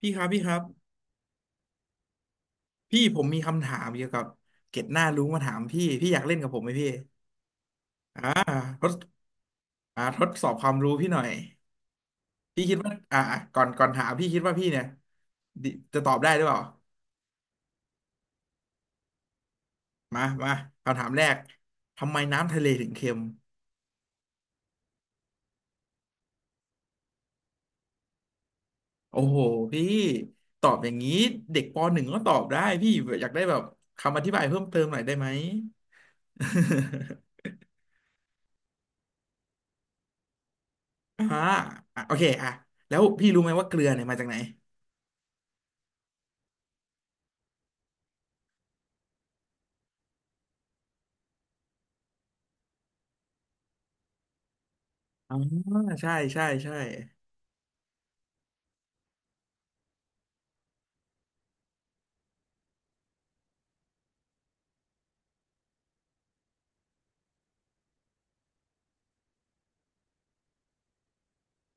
พี่ครับพี่ครับพี่ผมมีคำถามเกี่ยวกับเกร็ดหน้ารู้มาถามพี่พี่อยากเล่นกับผมไหมพี่อ่าทดทดสอบความรู้พี่หน่อยพี่คิดว่าก่อนถามพี่คิดว่าพี่เนี่ยดิจะตอบได้หรือเปล่ามาคำถามแรกทำไมน้ำทะเลถึงเค็มโอ้โหพี่ตอบอย่างนี้เด็กปหนึ่งก็ตอบได้พี่อยากได้แบบคำอธิบายเพิ่มเติมหน่อยได้ไหม อ่าอ่ะโอเคอ่ะแล้วพี่รู้ไหมว่าเกลือเนี่ยมาจากไหนอ๋อใช่ใช่ใช่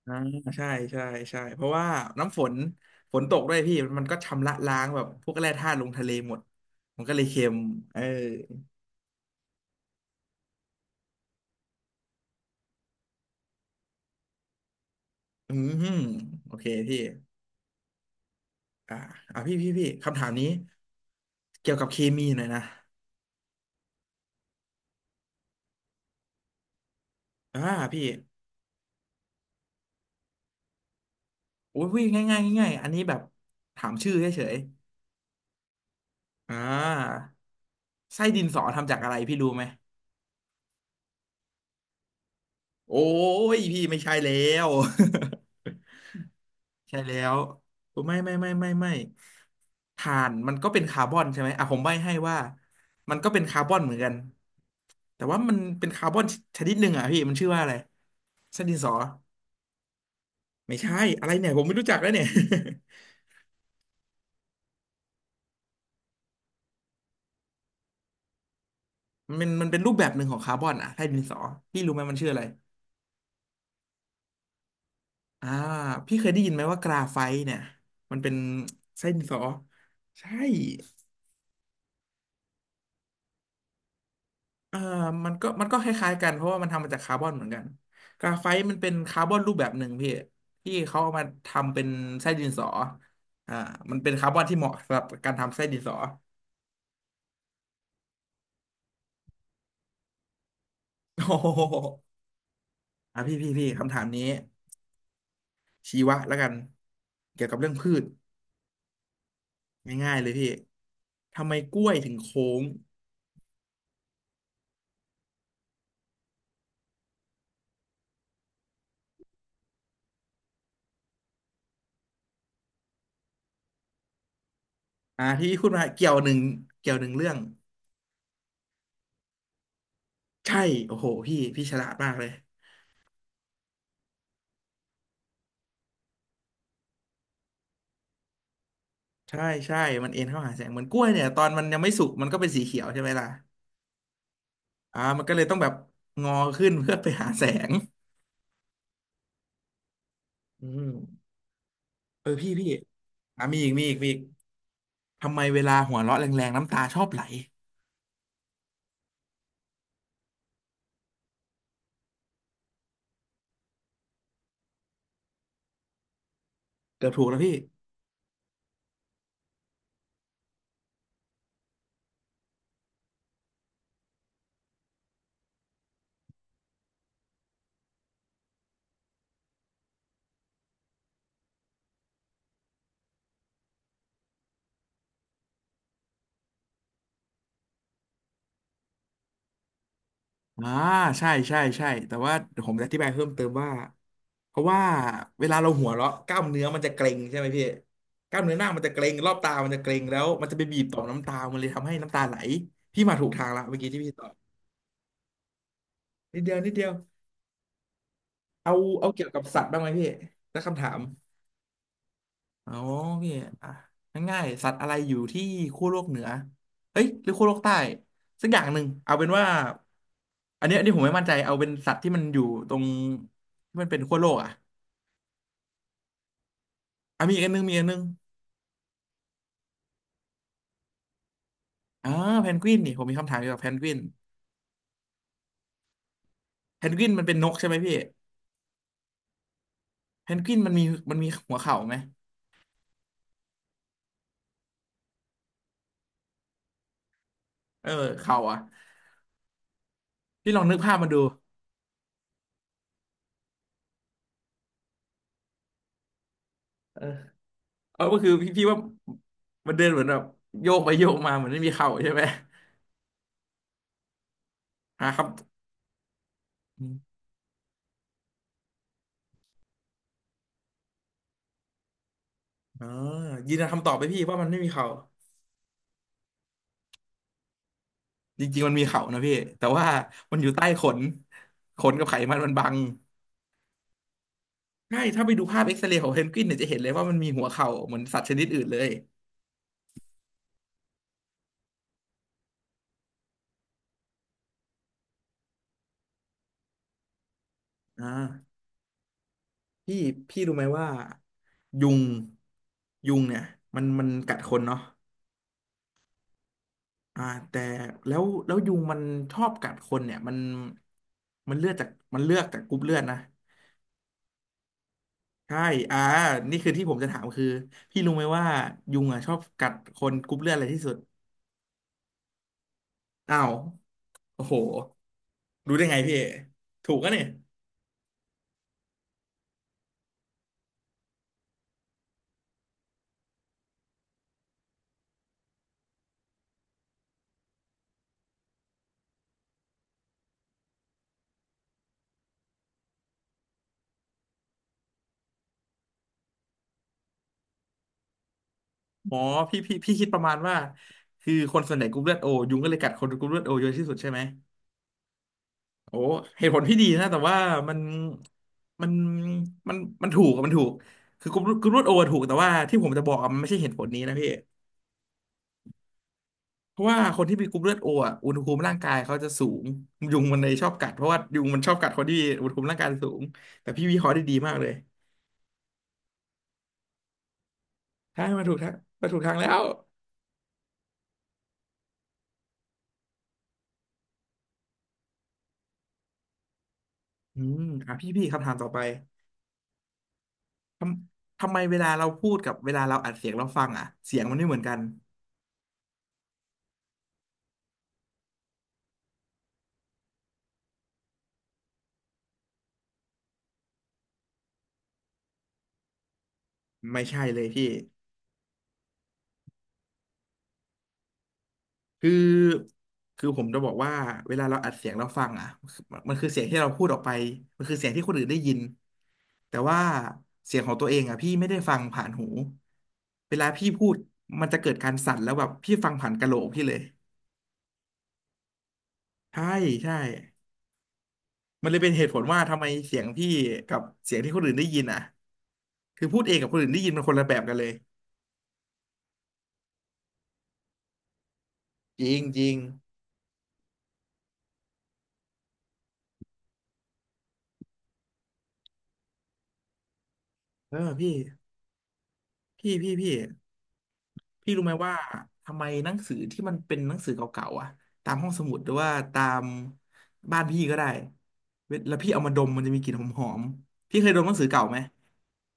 อ่าใช่ใช่ใช่เพราะว่าน้ำฝนฝนตกด้วยพี่มันก็ชำระล้างแบบพวกแร่ธาตุลงทะเลหมดมันก็เลยเค็มเอออืมโอเคพี่อ่าพี่คำถามนี้เกี่ยวกับเคมีหน่อยนะอ่าพี่โอ้ยพี่ง่ายๆอันนี้แบบถามชื่อเฉยๆไส้ดินสอทำจากอะไรพี่รู้ไหมโอ้ยพี่ไม่ใช่แล้ว ใช่แล้ว ไม่ถ่านมันก็เป็นคาร์บอนใช่ไหมอ่ะผมใบ้ให้ว่ามันเป็นคาร์บอนเหมือนกันแต่ว่ามันเป็นคาร์บอนชนิดหนึ่งอ่ะพี่มันชื่อว่าอะไรเส้นดินสอไม่ใช่อะไรเนี่ยผมไม่รู้จักแล้วเนี่ย มันเป็นรูปแบบหนึ่งของคาร์บอนอ่ะใต้ดินสอพี่รู้ไหมมันชื่ออะไรอ่าพี่เคยได้ยินไหมว่ากราไฟต์เนี่ยมันเป็นไส้ดินสอใช่ เอ่อมันก็คล้ายๆกันเพราะว่ามันทำมาจากคาร์บอนเหมือนกันกราไฟต์มันเป็นคาร์บอนรูปแบบหนึ่งพี่ที่เขาเอามาทำเป็นไส้ดินสออ่ามันเป็นคาร์บอนที่เหมาะสำหรับการทำไส้ดินสอ โอ้โหอ่ะพี่คำถามนี้ชีวะแล้วกันเกี่ยวกับเรื่องพืชง่ายๆเลยพี่ทำไมกล้วยถึงโค้งอ่าที่พี่พูดมาเกี่ยวหนึ่งเรื่องใช่โอ้โหพี่ฉลาดมากเลยใช่ใช่มันเอ็นเข้าหาแสงเหมือนกล้วยเนี่ยตอนมันยังไม่สุกมันก็เป็นสีเขียวใช่ไหมล่ะ อ่ามันก็เลยต้องแบบงอขึ้น เพื่อไปหาแสงอืมเออพี่พี่มีอีกทำไมเวลาหัวเราะแรงๆน้ำตาชอบไหลเกือบถูกแล้วพี่อ่าใช่ใช่ใช่แต่ว่าเดี๋ยวผมจะอธิบายเพิ่มเติมว่าเพราะว่าเวลาเราหัวเราะกล้ามเนื้อมันจะเกร็งใช่ไหมพี่กล้ามเนื้อหน้ามันจะเกร็งรอบตามันจะเกร็งแล้วมันจะไปบีบต่อมน้ำตามันเลยทำให้น้ำตาไหลพี่มาถูกทางละเมื่อกี้ที่พี่ตอบนิดเดียวนิดเดียวเอาเอาเกี่ยวกับสัตว์บ้างไหมพี่สักคำถาม อ๋อพี่อ่ะง่ายๆสัตว์อะไรอยู่ที่ขั้วโลกเหนือเอ้ยหรือขั้วโลกใต้สักอย่างหนึ่งเอาเป็นว่าอันนี้ผมไม่มั่นใจเอาเป็นสัตว์ที่มันอยู่ตรงที่มันเป็นขั้วโลกอ่ะมีอีกอันนึงอ่าแพนกวินนี่ผมมีคำถามเกี่ยวกับแพนกวินแพนกวินมันเป็นนกใช่ไหมพี่แพนกวินมันมีหัวเข่าไหมเออเข่าอ่ะพี่ลองนึกภาพมันดูเออเอาก็คือพี่ว่ามันเดินเหมือนแบบโยกไปโยกมาเหมือนไม่มีเข่าใช่ไหมหาครับ อ่ายืนยันคำตอบไปพี่ว่ามันไม่มีเขาจริงๆมันมีเขานะพี่แต่ว่ามันอยู่ใต้ขนขนกับไขมันมันบังใช่ถ้าไปดูภาพเอ็กซเรย์ของเพนกวินเนี่ยจะเห็นเลยว่ามันมีหัวเข่าเหมือนสัตว์ชนิดอื่นเลยอ่าพี่พี่รู้ไหมว่ายุงยุงเนี่ยมันกัดคนเนาะอ่าแต่แล้วยุงมันชอบกัดคนเนี่ยมันเลือดจากมันเลือกจากกรุ๊ปเลือดนะใช่อ่านี่คือที่ผมจะถามคือพี่รู้ไหมว่ายุงอ่ะชอบกัดคนกรุ๊ปเลือดอะไรที่สุด อ้าวโอ้โหรู้ได้ไงพี่ถูกอะเนี่ยอ๋อพี่พี่คิดประมาณว่าคือคนส่วนใหญ่กรุ๊ปเลือดโอยุงก็เลยกัดคนกรุ๊ปเลือดโอเยอะที่สุดใช่ไหมโอ้เหตุผลพี่ดีนะแต่ว่ามันมันมันมันถูกอะมันถูกคือกรุ๊ปเลือดโอถูกแต่ว่าที่ผมจะบอกอะมันไม่ใช่เหตุผลนี้นะพี่เพราะว่าคนที่มีกรุ๊ปเลือดโออะอุณหภูมิร่างกายเขาจะสูงยุงมันเลยชอบกัดเพราะว่ายุงมันชอบกัดคนที่อุณหภูมิร่างกายสูงแต่พี่วิเคราะห์ได้ดีมากเลยใช่มาถูกทางมาถูกทางแล้ว อืมอ่ะพี่คำถามต่อไปททำไมเวลาเราพูดกับเวลาเราอัดเสียงเราฟังอ่ะเสียงมันไม่เหมือนกันไม่ใช่เลยพี่คือคือผมจะบอกว่าเวลาเราอัดเสียงเราฟังอ่ะมันคือเสียงที่เราพูดออกไปมันคือเสียงที่คนอื่นได้ยินแต่ว่าเสียงของตัวเองอ่ะพี่ไม่ได้ฟังผ่านหูเวลาพี่พูดมันจะเกิดการสั่นแล้วแบบพี่ฟังผ่านกะโหลกพี่เลยใช่ใช่ มันเลยเป็นเหตุผลว่าทำไมเสียงพี่กับเสียงที่คนอื่นได้ยินอ่ะคือพูดเองกับคนอื่นได้ยินมันคนละแบบกันเลยจริงจริงเออพี่พี่พี่พี่พี่รู้ไหมว่าทำไมหนังสือที่มันเป็นหนังสือเก่าๆอ่ะตามห้องสมุดหรือว่าตามบ้านพี่ก็ได้เวลาพี่เอามาดมมันจะมีกลิ่นหอมๆพี่เคยดมหนังสือเก่าไหม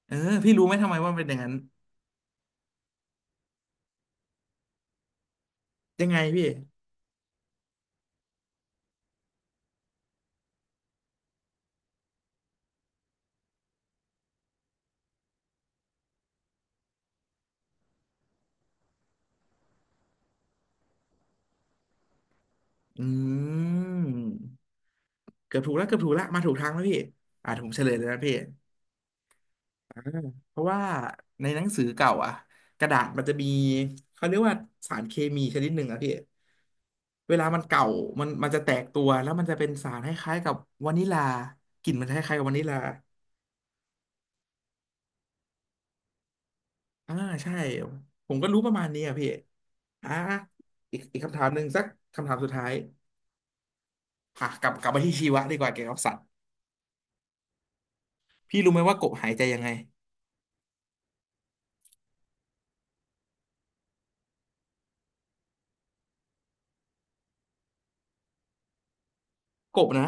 เออพี่รู้ไหมทำไมว่ามันเป็นอย่างนั้นยังไงพี่อืมเกือบถูกแล้วเกือบถูกแล้วมาถูกทางแล้วพี่อ่ะผมเฉลยเลยนะพี่ อ่าเพราะว่าในหนังสือเก่าอ่ะกระดาษมันจะมีเขาเรียกว่าสารเคมีชนิดหนึ่งอะพี่เวลามันเก่ามันจะแตกตัวแล้วมันจะเป็นสารคล้ายๆกับวานิลากลิ่นมันคล้ายๆกับวานิลาอ่าใช่ผมก็รู้ประมาณนี้อ่ะพี่อ่าอีกคำถามหนึ่งสักคำถามสุดท้ายอ่ะกลับมาที่ชีวะดีกว่าเกี่ยวกับสัตว์พี่รู้ไหมว่ากบหายใจยังไงกบนะ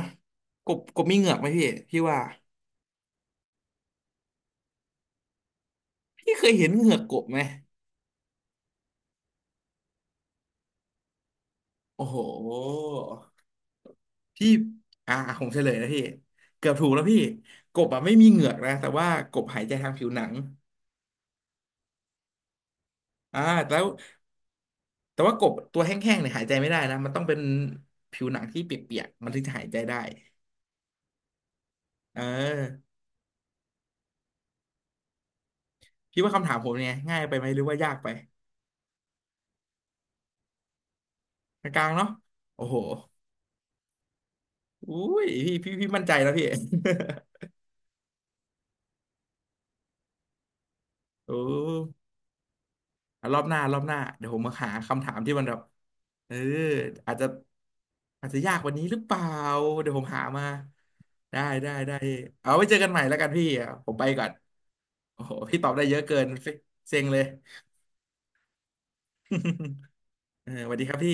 กบมีเหงือกไหมพี่พี่ว่าพี่เคยเห็นเหงือกกบไหมโอ้โห พี่อ่าผมเฉลยนะพี่เกือบถูกแล้วพี่กบอ่ะไม่มีเหงือกนะแต่ว่ากบหายใจทางผิวหนังอ่าแล้วแต่ว่ากบตัวแห้งๆเนี่ยหายใจไม่ได้นะมันต้องเป็นผิวหนังที่เปียกๆมันถึงจะหายใจได้เออพี่ว่าคำถามผมเนี่ยง่ายไปไหมหรือว่ายากไปกลางๆเนาะโอ้โหอุ้ยพี่พี่มั่นใจแล้วพี่ โอ้ รอบหน้าเดี๋ยวผมมาหาคำถามที่มันแบบเอออาจจะอาจจะยากกว่านี้หรือเปล่าเดี๋ยวผมหามาได้เอาไว้เจอกันใหม่แล้วกันพี่อ่ะผมไปก่อนโอ้โหพี่ตอบได้เยอะเกินเซ็งเลย เออสวัสดีครับพี่